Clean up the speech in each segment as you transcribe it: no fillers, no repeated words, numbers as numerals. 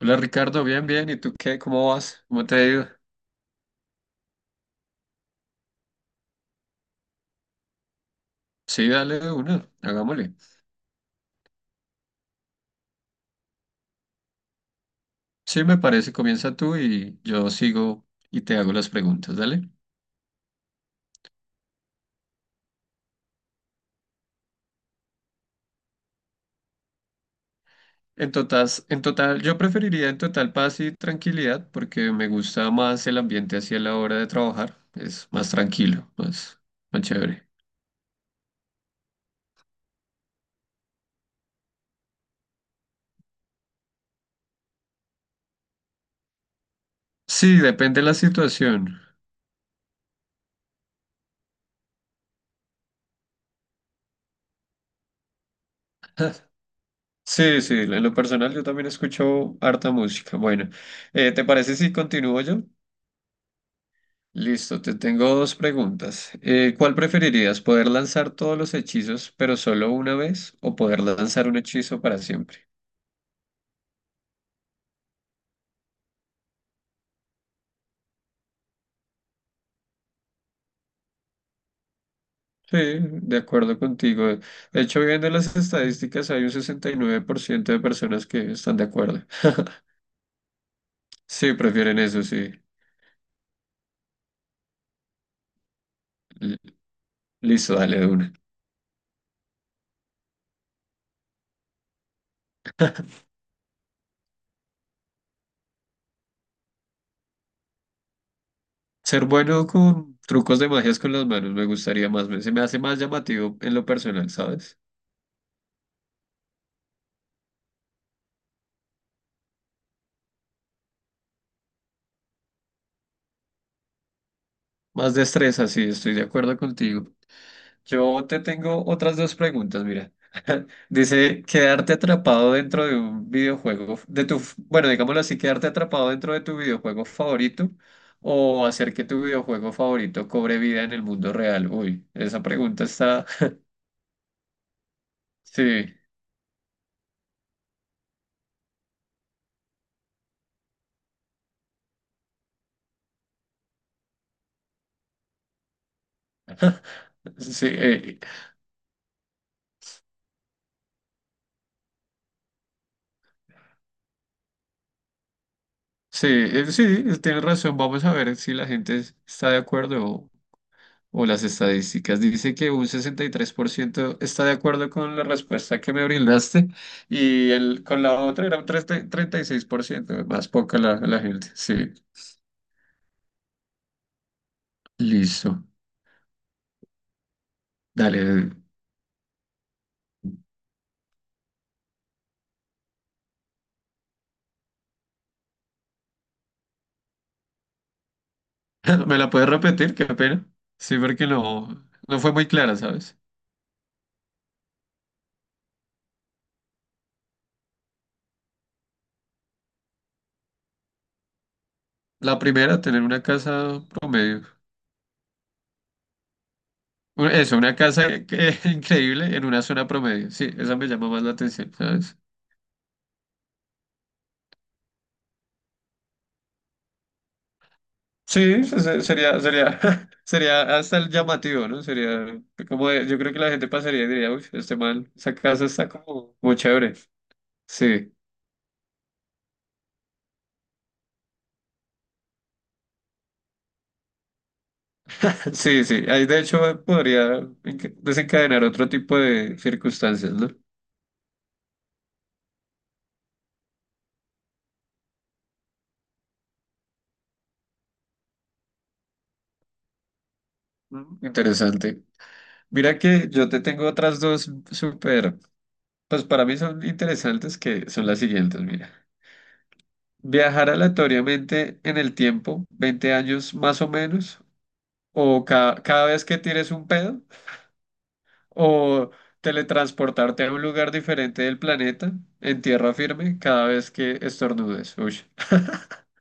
Hola Ricardo, bien, bien. ¿Y tú qué? ¿Cómo vas? ¿Cómo te ha ido? Sí, dale de una, hagámosle. Sí, me parece, comienza tú y yo sigo y te hago las preguntas, dale. En total, yo preferiría en total paz y tranquilidad porque me gusta más el ambiente hacia la hora de trabajar. Es más tranquilo, más, más chévere. Sí, depende de la situación. Sí, sí, en lo personal yo también escucho harta música. Bueno, ¿te parece si continúo yo? Listo, te tengo dos preguntas. ¿Cuál preferirías? ¿Poder lanzar todos los hechizos, pero solo una vez? ¿O poder lanzar un hechizo para siempre? Sí, de acuerdo contigo. De hecho, viendo las estadísticas, hay un 69% de personas que están de acuerdo. Sí, prefieren eso, sí. L- Listo, dale de una. Ser bueno con trucos de magias con las manos me gustaría más. Se me hace más llamativo en lo personal, ¿sabes? Más destreza, sí, estoy de acuerdo contigo. Yo te tengo otras dos preguntas, mira. Dice, quedarte atrapado dentro de un videojuego, bueno, digámoslo así, quedarte atrapado dentro de tu videojuego favorito o hacer que tu videojuego favorito cobre vida en el mundo real. Uy, esa pregunta está, sí, sí, sí, sí, tienes razón. Vamos a ver si la gente está de acuerdo o las estadísticas. Dice que un 63% está de acuerdo con la respuesta que me brindaste y el, con la otra era un 36% más poca la, la gente. Sí, listo. Dale. ¿Me la puedes repetir? Qué pena. Sí, porque no, no fue muy clara, ¿sabes? La primera, tener una casa promedio. Eso, increíble en una zona promedio. Sí, esa me llama más la atención, ¿sabes? Sí, sería, sería, sería hasta el llamativo, ¿no? Sería como yo creo que la gente pasaría y diría, uy, este mal, esa casa está como muy chévere. Sí, sí, sí. Ahí de hecho podría desencadenar otro tipo de circunstancias, ¿no? Mm. Interesante. Mira que yo te tengo otras dos súper, pues para mí son interesantes que son las siguientes, mira. Viajar aleatoriamente en el tiempo, 20 años más o menos, o cada vez que tires un pedo o teletransportarte a un lugar diferente del planeta en tierra firme cada vez que estornudes. Uy.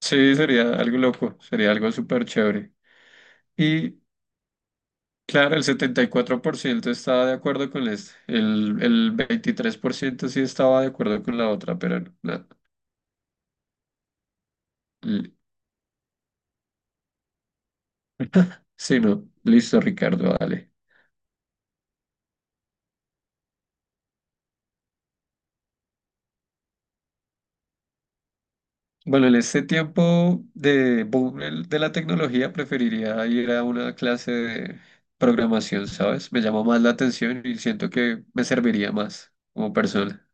Sí, sería algo loco, sería algo súper chévere. Y claro, el 74% estaba de acuerdo con este, el 23% sí estaba de acuerdo con la otra, pero no, no. L- Sí, no, listo, Ricardo, dale. Bueno, en este tiempo de boom de la tecnología preferiría ir a una clase de programación, ¿sabes? Me llama más la atención y siento que me serviría más como persona.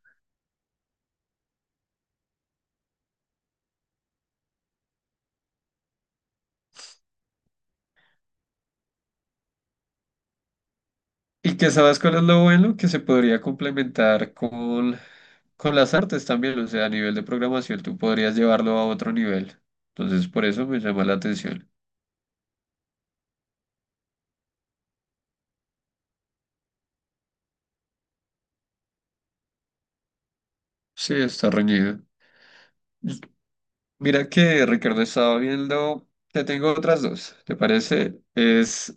Y que sabes cuál es lo bueno, que se podría complementar con las artes también, o sea, a nivel de programación tú podrías llevarlo a otro nivel. Entonces, por eso me llama la atención. Sí, está reñido. Mira que Ricardo estaba viendo, te tengo otras dos, ¿te parece? Es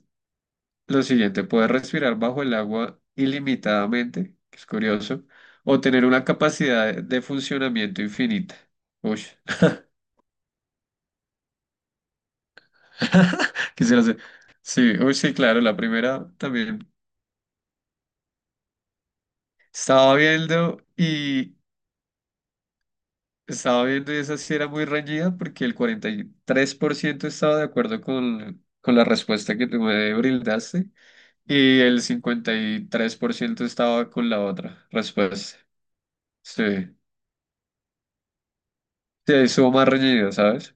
lo siguiente, poder respirar bajo el agua ilimitadamente, que es curioso, o tener una capacidad de funcionamiento infinita. Uy, quisiera hacer. Sí, uy, sí, claro, la primera también. Estaba viendo y estaba viendo y esa sí era muy reñida porque el 43% estaba de acuerdo con la respuesta que tú me brindaste y el 53% estaba con la otra respuesta. Sí, sí, estuvo más reñido, ¿sabes?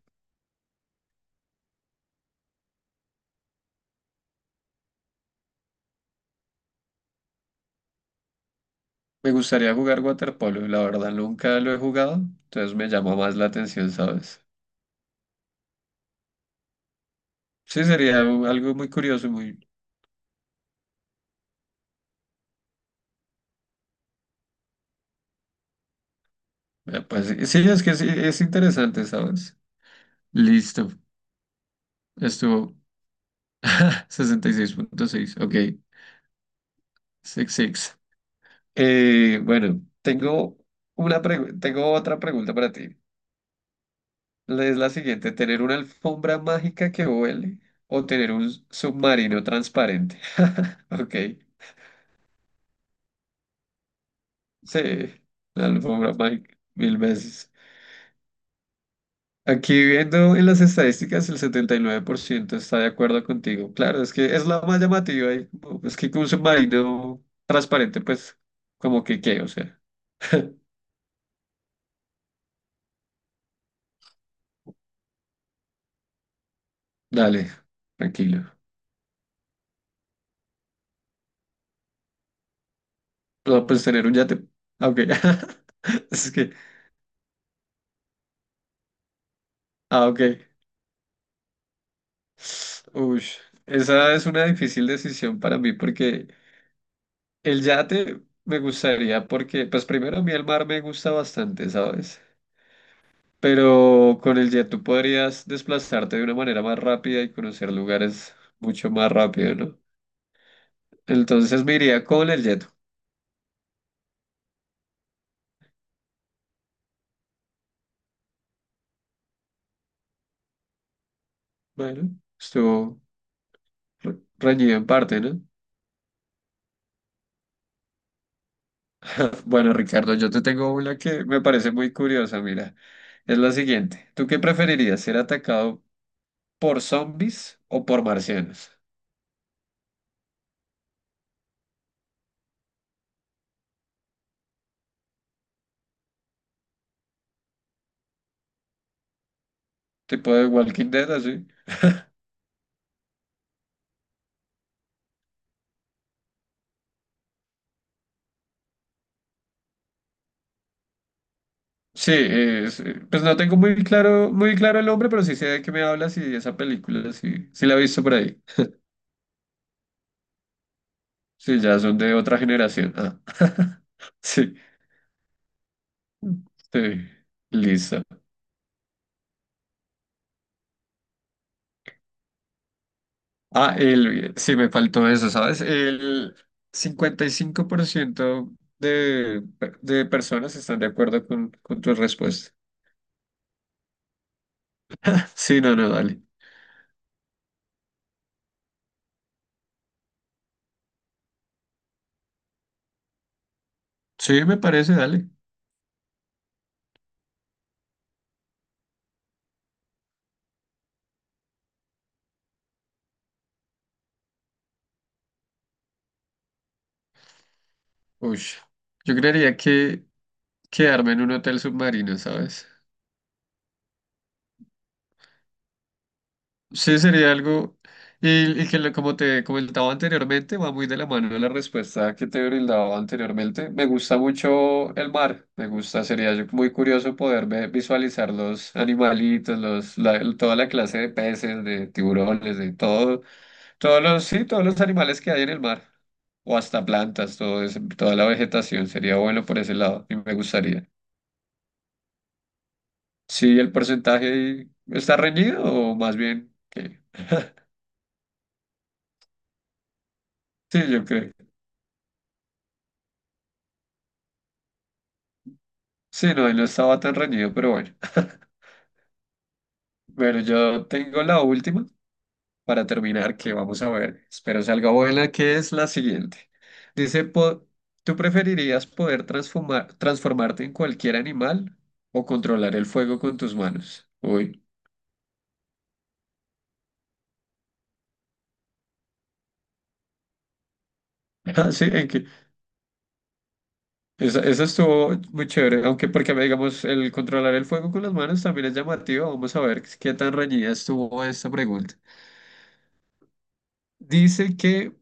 Me gustaría jugar waterpolo, la verdad nunca lo he jugado, entonces me llama más la atención, ¿sabes? Sí, sería algo muy curioso, muy... pues sí, sí, es que sí, es interesante, ¿sabes? Listo, estuvo 66,6 ok, 66. Bueno, tengo tengo otra pregunta para ti. Es la siguiente, ¿tener una alfombra mágica que huele o tener un submarino transparente? Ok, sí, la alfombra mágica, mil veces. Aquí viendo en las estadísticas, el 79% está de acuerdo contigo. Claro, es que es la más llamativa. Y es que con un submarino transparente, pues, como que qué, o sea, dale, tranquilo. No, pues tener un yate. Ah, ok. Es que, ah, ok. Uy, esa es una difícil decisión para mí porque el yate me gustaría, porque, pues, primero a mí el mar me gusta bastante, ¿sabes? Pero con el jet tú podrías desplazarte de una manera más rápida y conocer lugares mucho más rápido, ¿no? Entonces me iría con el jet. Bueno, estuvo reñido en parte, ¿no? Bueno, Ricardo, yo te tengo una que me parece muy curiosa, mira. Es la siguiente. ¿Tú qué preferirías, ser atacado por zombies o por marcianos? Tipo de Walking Dead, así. Sí, pues no tengo muy claro, muy claro el nombre, pero sí sé de qué me hablas y esa película, sí, sí la he visto por ahí. Sí, ya son de otra generación. Ah, sí, sí, listo. Ah, el, sí, me faltó eso, ¿sabes? El 55% de, de personas están de acuerdo con tu respuesta. Sí, no, no, dale. Sí, me parece, dale. Uy, yo creería que quedarme en un hotel submarino, ¿sabes? Sí, sería algo, y que como te comentaba anteriormente, va muy de la mano de la respuesta que te brindaba anteriormente. Me gusta mucho el mar, me gusta, sería yo muy curioso poder visualizar los animalitos, toda la clase de peces, de tiburones, de todo, todos los, sí, todos los animales que hay en el mar, o hasta plantas, toda la vegetación, sería bueno por ese lado, y me gustaría. Sí, el porcentaje ahí está reñido, o más bien, que sí, yo creo. Sí, no, no estaba tan reñido, pero bueno. Bueno, yo tengo la última para terminar, que vamos a ver. Espero salga buena, que es la siguiente. Dice, ¿tú preferirías poder transformarte en cualquier animal o controlar el fuego con tus manos? Uy. Ah, sí, en que esa estuvo muy chévere, aunque porque digamos el controlar el fuego con las manos también es llamativo. Vamos a ver qué tan reñida estuvo esta pregunta. Dice que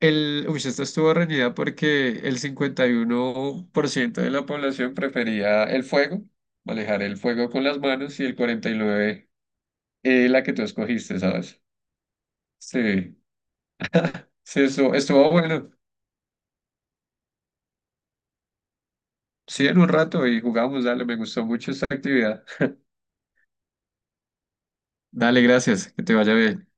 el, uy, esto estuvo reñida porque el 51% de la población prefería el fuego, manejar el fuego con las manos, y el 49% la que tú escogiste, ¿sabes? Sí, sí, estuvo, estuvo bueno. Sí, en un rato y jugamos, dale, me gustó mucho esta actividad. Dale, gracias, que te vaya bien.